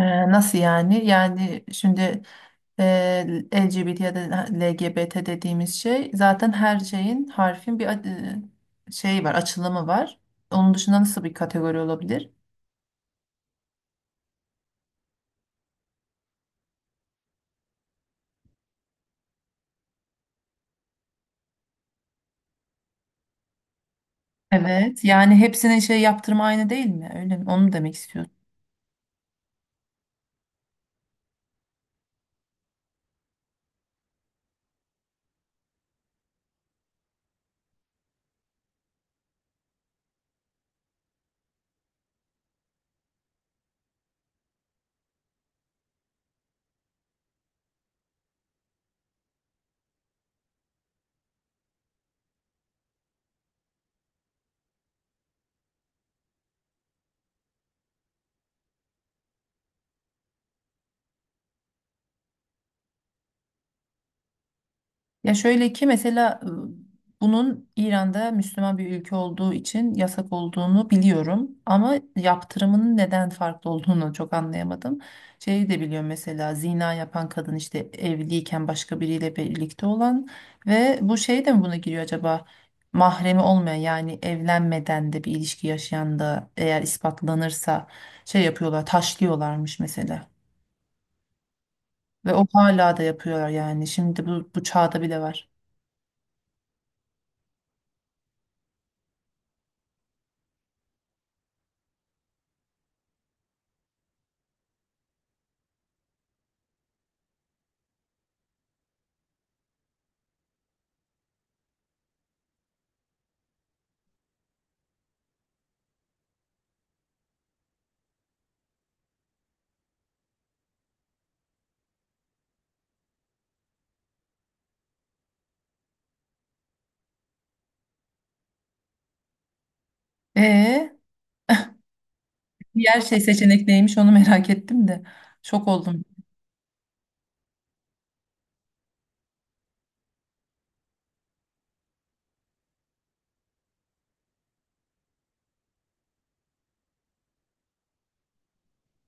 Nasıl yani? Yani şimdi LGBT ya da LGBT dediğimiz şey zaten her şeyin harfin bir şeyi var, açılımı var. Onun dışında nasıl bir kategori olabilir? Evet. Yani hepsinin şey yaptırma aynı değil mi? Öyle mi? Onu mu demek istiyorsun? Ya şöyle ki mesela bunun İran'da Müslüman bir ülke olduğu için yasak olduğunu biliyorum ama yaptırımının neden farklı olduğunu çok anlayamadım. Şeyi de biliyorum mesela zina yapan kadın işte evliyken başka biriyle birlikte olan ve bu şey de mi buna giriyor acaba? Mahremi olmayan yani evlenmeden de bir ilişki yaşayan da eğer ispatlanırsa şey yapıyorlar taşlıyorlarmış mesela. Ve o hala da yapıyorlar yani şimdi bu çağda bile var. Ee, Diğer şey seçenek neymiş onu merak ettim de. Şok oldum.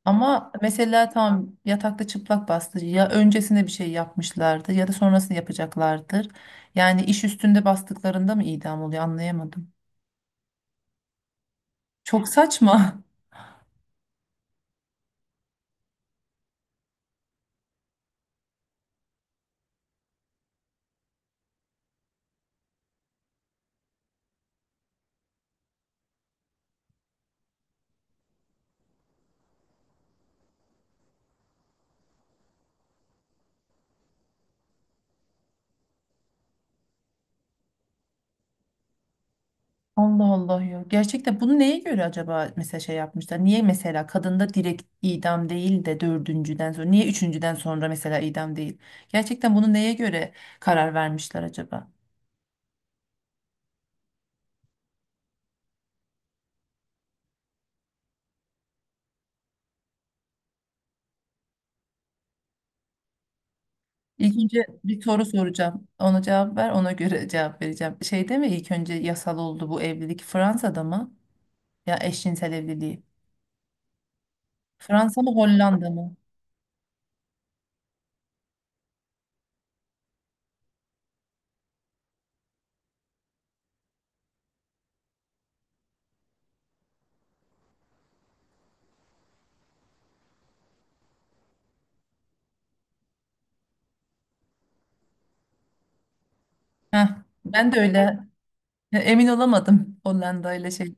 Ama mesela tam yatakta çıplak bastı. Ya öncesinde bir şey yapmışlardı ya da sonrasını yapacaklardır. Yani iş üstünde bastıklarında mı idam oluyor anlayamadım. Çok saçma. Allah Allah ya. Gerçekten bunu neye göre acaba mesela şey yapmışlar? Niye mesela kadında direkt idam değil de dördüncüden sonra, niye üçüncüden sonra mesela idam değil? Gerçekten bunu neye göre karar vermişler acaba? İlk önce bir soru soracağım. Ona cevap ver, ona göre cevap vereceğim. Şeyde mi ilk önce yasal oldu bu evlilik Fransa'da mı? Ya eşcinsel evliliği. Fransa mı Hollanda mı? Heh, ben de öyle emin olamadım. Hollanda ile şey.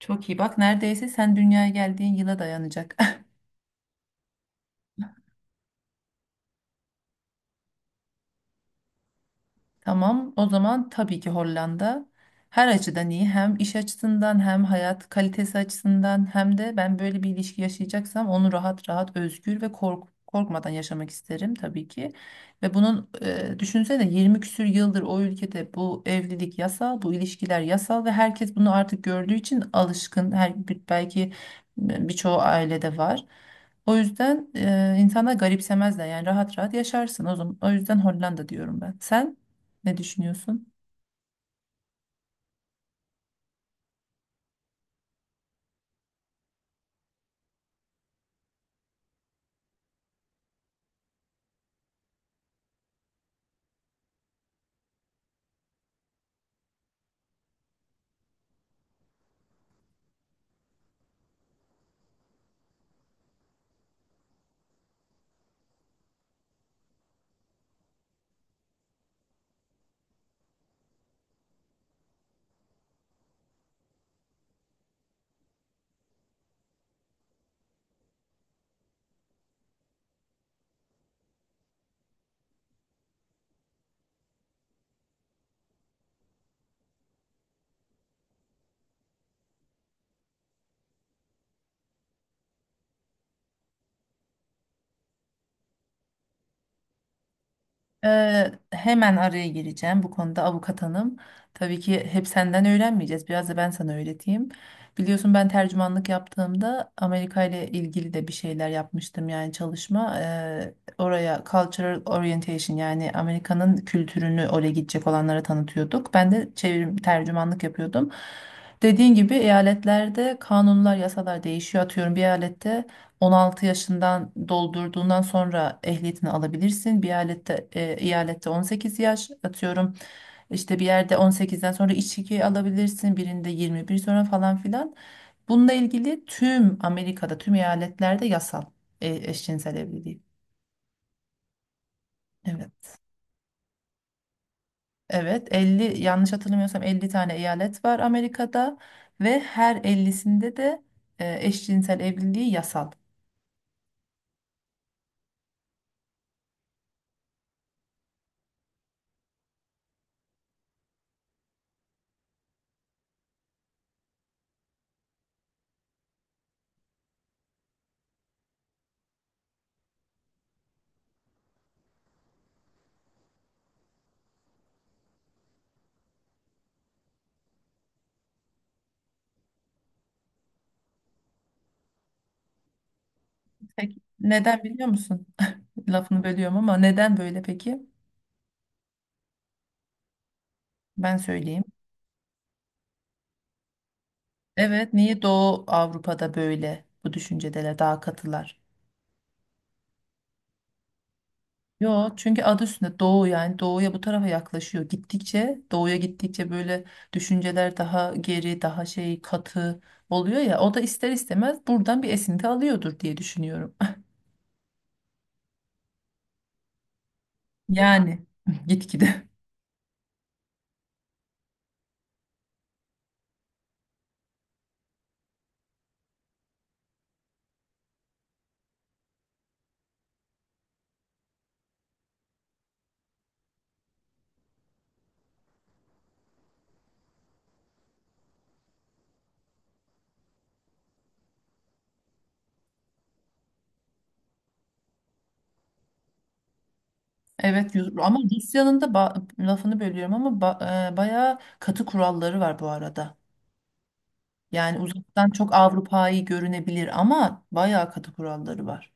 Çok iyi bak, neredeyse sen dünyaya geldiğin yıla dayanacak. Tamam, o zaman tabii ki Hollanda her açıdan iyi. Hem iş açısından hem hayat kalitesi açısından hem de ben böyle bir ilişki yaşayacaksam onu rahat rahat, özgür ve korkmadan yaşamak isterim tabii ki. Ve bunun, düşünsene, 20 küsür yıldır o ülkede bu evlilik yasal, bu ilişkiler yasal ve herkes bunu artık gördüğü için alışkın. Her belki birçoğu ailede var. O yüzden insanlar garipsemezler, yani rahat rahat yaşarsın o zaman. O yüzden Hollanda diyorum ben. Sen? Ne düşünüyorsun? Hemen araya gireceğim bu konuda, avukat hanım. Tabii ki hep senden öğrenmeyeceğiz. Biraz da ben sana öğreteyim. Biliyorsun, ben tercümanlık yaptığımda Amerika ile ilgili de bir şeyler yapmıştım, yani çalışma. Oraya cultural orientation, yani Amerika'nın kültürünü oraya gidecek olanlara tanıtıyorduk. Ben de çevirim tercümanlık yapıyordum. Dediğin gibi eyaletlerde kanunlar, yasalar değişiyor. Atıyorum, bir eyalette 16 yaşından doldurduğundan sonra ehliyetini alabilirsin. Bir eyalette, eyalette, 18 yaş atıyorum. İşte bir yerde 18'den sonra içki alabilirsin. Birinde 21 sonra falan filan. Bununla ilgili tüm Amerika'da, tüm eyaletlerde yasal eşcinsel evliliği. Evet. Evet, 50, yanlış hatırlamıyorsam 50 tane eyalet var Amerika'da, ve her 50'sinde de eşcinsel evliliği yasal. Peki. Neden biliyor musun? Lafını bölüyorum ama neden böyle peki? Ben söyleyeyim. Evet, niye Doğu Avrupa'da böyle bu düşüncedeler, daha katılar? Yo, çünkü adı üstünde Doğu, yani Doğu'ya, bu tarafa yaklaşıyor. Gittikçe Doğu'ya gittikçe böyle düşünceler daha geri, daha şey katı oluyor ya. O da ister istemez buradan bir esinti alıyordur diye düşünüyorum. Yani gitgide. Evet ama Rusya'nın da lafını bölüyorum ama bayağı katı kuralları var bu arada. Yani uzaktan çok Avrupa'yı görünebilir ama bayağı katı kuralları var.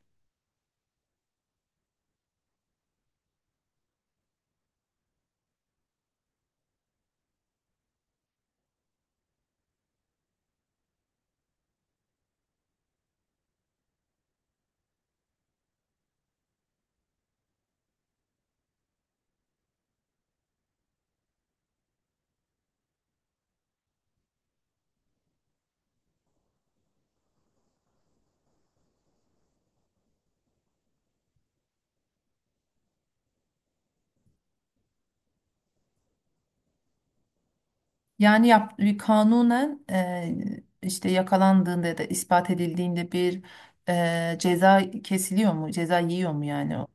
Yani yap, bir kanunen, işte yakalandığında ya da ispat edildiğinde bir ceza kesiliyor mu? Ceza yiyor mu yani o?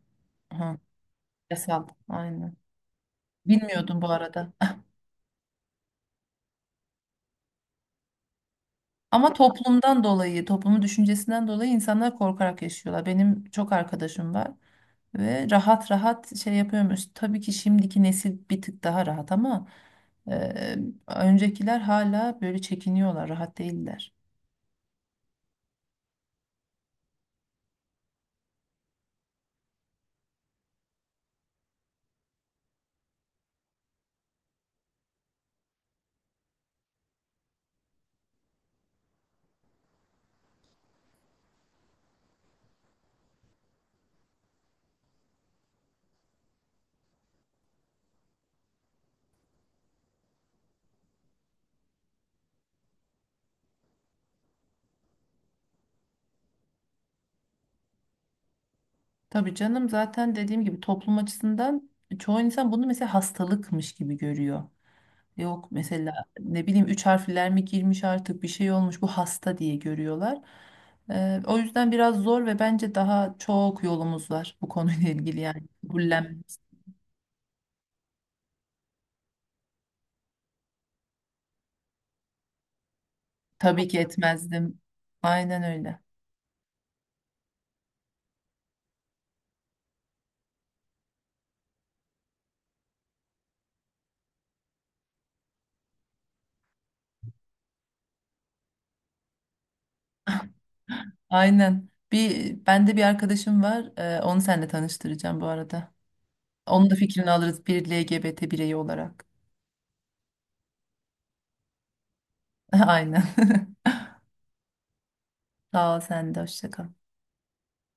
Hı, yasal. Aynen. Bilmiyordum bu arada. Ama toplumdan dolayı, toplumun düşüncesinden dolayı insanlar korkarak yaşıyorlar. Benim çok arkadaşım var ve rahat rahat şey yapıyormuş. Tabii ki şimdiki nesil bir tık daha rahat ama e, öncekiler hala böyle çekiniyorlar, rahat değiller. Tabii canım, zaten dediğim gibi toplum açısından çoğu insan bunu mesela hastalıkmış gibi görüyor. Yok mesela, ne bileyim üç harfler mi girmiş, artık bir şey olmuş bu, hasta diye görüyorlar. O yüzden biraz zor ve bence daha çok yolumuz var bu konuyla ilgili yani. Kabullen tabii ki etmezdim. Aynen öyle. Aynen. Bende bir arkadaşım var. Onu seninle tanıştıracağım bu arada. Onun da fikrini alırız, bir LGBT bireyi olarak. Aynen. Sağ ol, sen de hoşça kal.